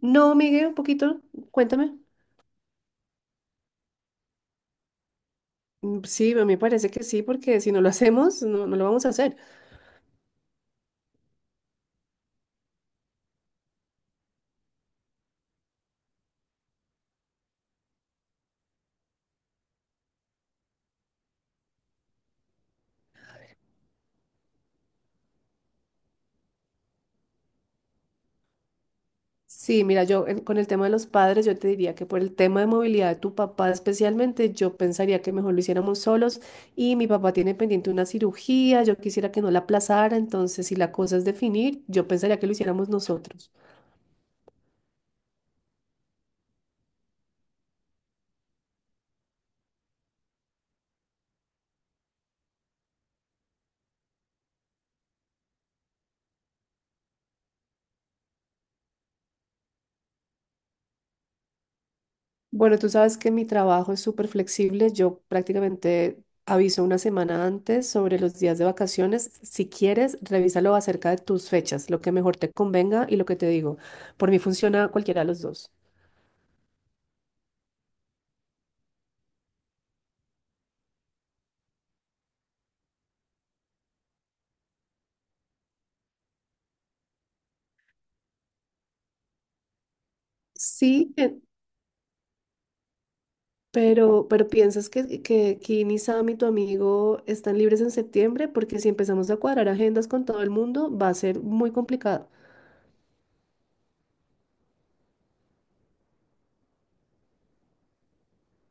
No, Miguel, un poquito, cuéntame. Mm, sí, a mí me parece que sí, porque si no lo hacemos, no, no lo vamos a hacer. Sí, mira, con el tema de los padres, yo te diría que por el tema de movilidad de tu papá especialmente, yo pensaría que mejor lo hiciéramos solos y mi papá tiene pendiente una cirugía, yo quisiera que no la aplazara, entonces si la cosa es definir, yo pensaría que lo hiciéramos nosotros. Bueno, tú sabes que mi trabajo es súper flexible. Yo prácticamente aviso una semana antes sobre los días de vacaciones. Si quieres, revísalo acerca de tus fechas, lo que mejor te convenga y lo que te digo. Por mí funciona cualquiera de los dos. Sí, pero, pero ¿piensas que Kim y Sam y tu amigo están libres en septiembre? Porque si empezamos a cuadrar agendas con todo el mundo, va a ser muy complicado.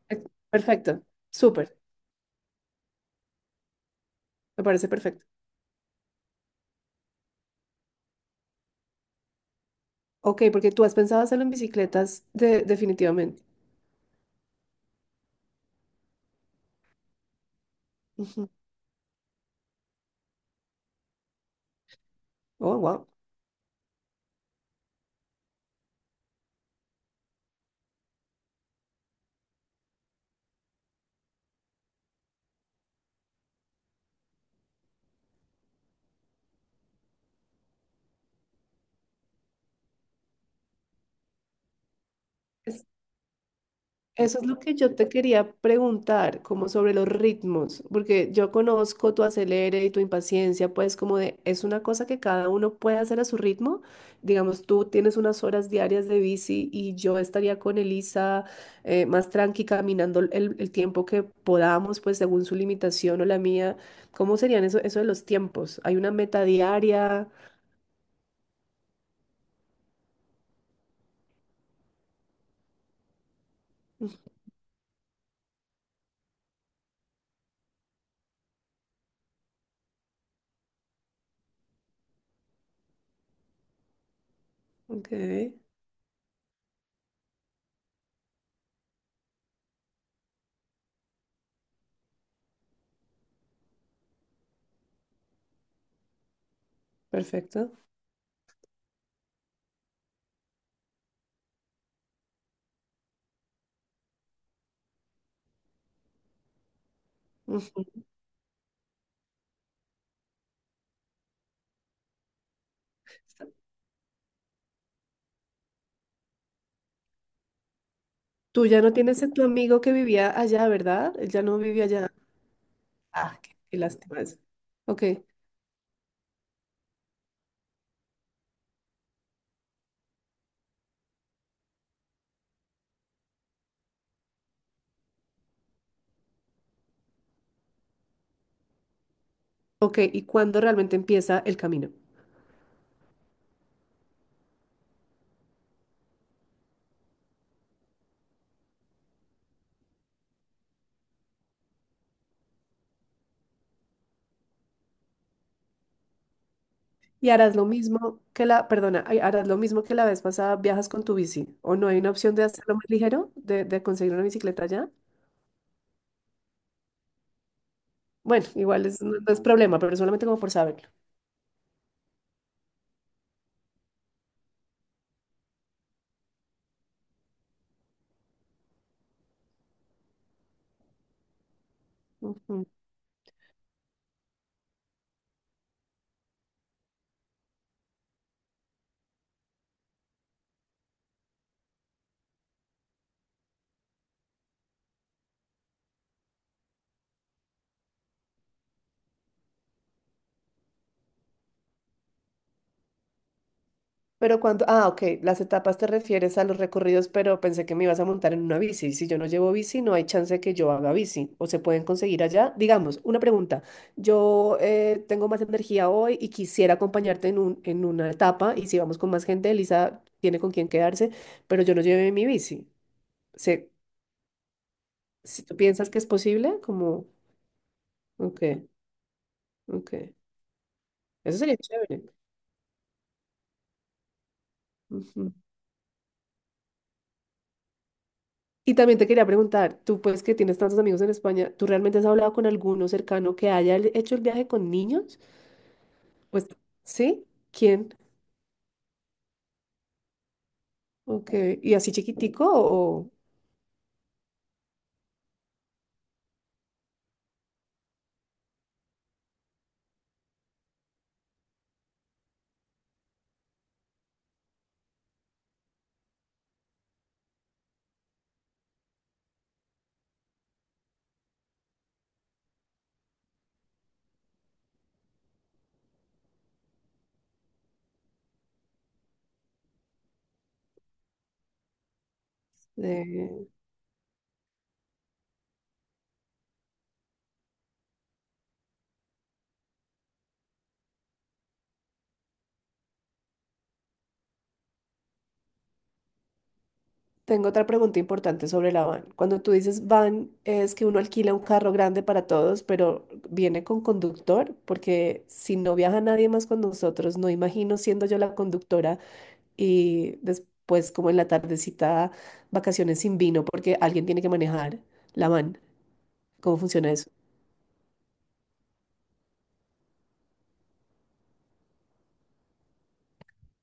Eh, Perfecto, súper, me parece perfecto. Ok, porque tú has pensado hacerlo en definitivamente. Ujú. Oh, wow. Es- Eso es lo que yo te quería preguntar, como sobre los ritmos, porque yo conozco tu acelere y tu impaciencia, pues como de, es una cosa que cada uno puede hacer a su ritmo. Digamos, tú tienes unas horas diarias de bici y yo estaría con Elisa más tranqui caminando el tiempo que podamos, pues según su limitación o la mía. ¿Cómo serían eso de los tiempos? ¿Hay una meta diaria? Ok, perfecto. Ujú. Tú ya no tienes a tu amigo que vivía allá, ¿verdad? Él ya no vive allá. Ah, qué, qué lástima eso. Ok, ok. ¿Y cuándo realmente empieza el camino? Y harás lo mismo que la, perdona, ay, harás lo mismo que la vez pasada, viajas con tu bici. ¿O no hay una opción de hacerlo más ligero, de conseguir una bicicleta allá? Bueno, igual es, no, no es problema, pero solamente como por saberlo. Ujú. Pero cuando, ah, ok, las etapas te refieres a los recorridos, pero pensé que me ibas a montar en una bici. Si yo no llevo bici, no hay chance de que yo haga bici. O se pueden conseguir allá. Digamos, una pregunta. Yo tengo más energía hoy y quisiera acompañarte en un, en una etapa. Y si vamos con más gente, Elisa tiene con quién quedarse, pero yo no llevé mi bici. Se, si tú piensas que es posible, como, ok, ok. Eso sería chévere. Y también te quería preguntar, tú pues que tienes tantos amigos en España, ¿tú realmente has hablado con alguno cercano que haya hecho el viaje con niños? Pues, ¿sí? ¿Quién? Okay. ¿Y así chiquitico o...? eh, Tengo otra pregunta importante sobre la van. Cuando tú dices van, es que uno alquila un carro grande para todos, pero viene con conductor, porque si no viaja nadie más con nosotros, no imagino siendo yo la conductora y después como en la tardecita vacaciones sin vino porque alguien tiene que manejar la van. ¿Cómo funciona eso?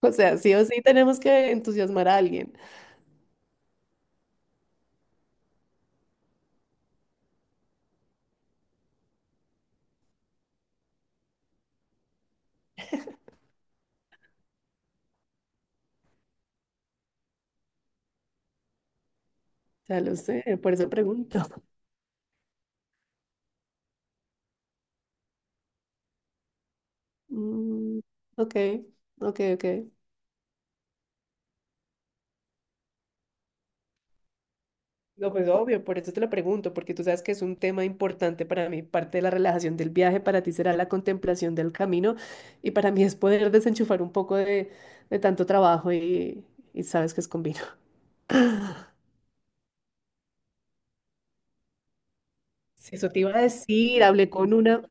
O sea, sí o sí tenemos que entusiasmar a alguien. Ya lo sé, por eso pregunto. Mm, ok, ok, ok. No, pues obvio, por eso te lo pregunto, porque tú sabes que es un tema importante para mí. Parte de la relajación del viaje para ti será la contemplación del camino y para mí es poder desenchufar un poco de tanto trabajo y sabes que es con vino. Sí, eso te iba a decir,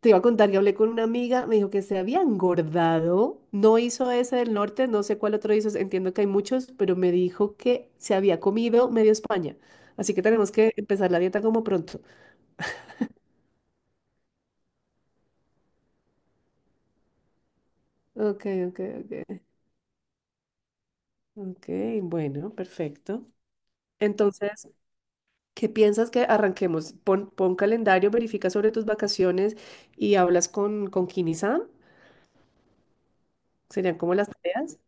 te iba a contar que hablé con una amiga, me dijo que se había engordado, no hizo ese del norte, no sé cuál otro hizo, entiendo que hay muchos, pero me dijo que se había comido medio España, así que tenemos que empezar la dieta como pronto. Ok, ok, ok, ok, bueno, perfecto. Entonces, ¿qué piensas que arranquemos? Pon, pon calendario, verifica sobre tus vacaciones y hablas con Kini-san, serían como las tareas.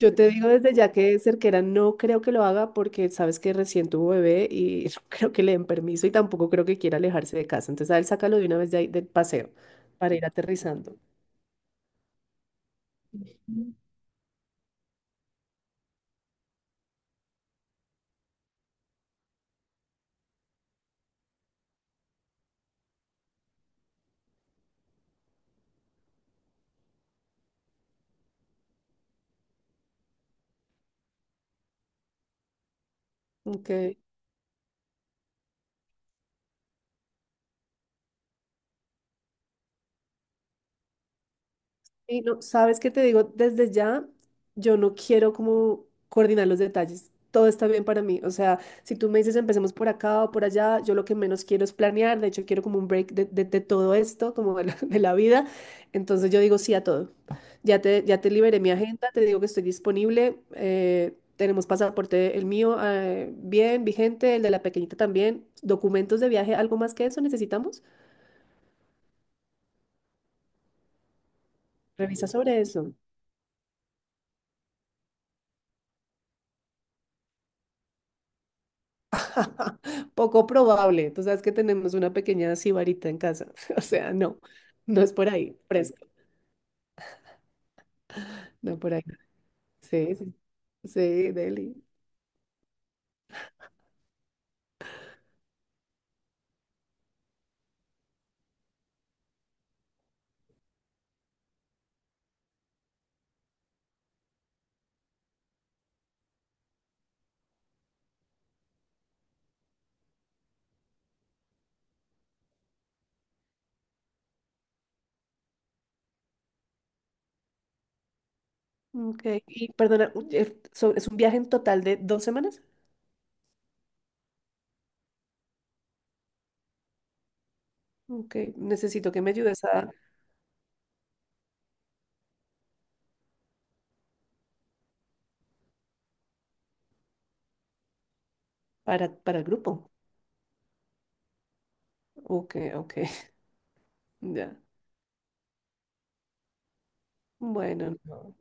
Yo te, digo desde ya que Cerquera no creo que lo haga porque sabes que recién tuvo bebé y no creo que le den permiso y tampoco creo que quiera alejarse de casa. Entonces a él sácalo de una vez de ahí del paseo para ir aterrizando. Ok. Y no, ¿sabes qué te digo? Desde ya, yo no quiero como coordinar los detalles. Todo está bien para mí. O sea, si tú me dices empecemos por acá o por allá, yo lo que menos quiero es planear. De hecho, quiero como un break de todo esto, como de la, de la vida. Entonces yo digo sí a todo. Ya te liberé mi agenda, te digo que estoy disponible. Tenemos pasaporte, el mío, bien, vigente, el de la pequeñita también. Documentos de viaje, ¿algo más que eso necesitamos? Revisa sobre eso. Poco probable. Tú sabes que tenemos una pequeña sibarita en casa. O sea, no, no es por ahí, fresco. No por ahí. Sí, sí, sí, Deli. Ok. Y perdona, ¿es un viaje en total de dos semanas? Ok. Necesito que me ayudes a, para el grupo. Ok, ok. Ya. Bueno, no.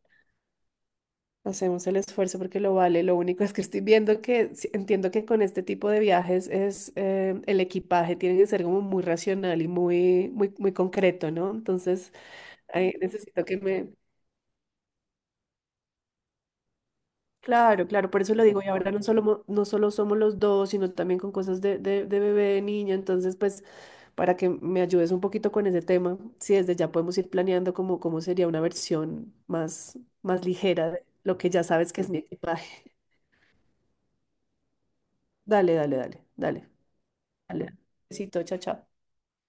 Hacemos el esfuerzo porque lo vale. Lo único es que estoy viendo que sí, entiendo que con este tipo de viajes es el equipaje tiene que ser como muy racional y muy, muy, muy concreto, ¿no? Entonces, ahí necesito que me. Claro, claro, por eso lo digo. Y ahora no solo somos los dos, sino también con cosas de bebé, de niña. Entonces, pues, para que me ayudes un poquito con ese tema, si desde ya podemos ir planeando cómo sería una versión más, más ligera de lo que ya sabes que es mi equipaje. Dale, dale, dale, dale. Dale. Besito, chao, chao.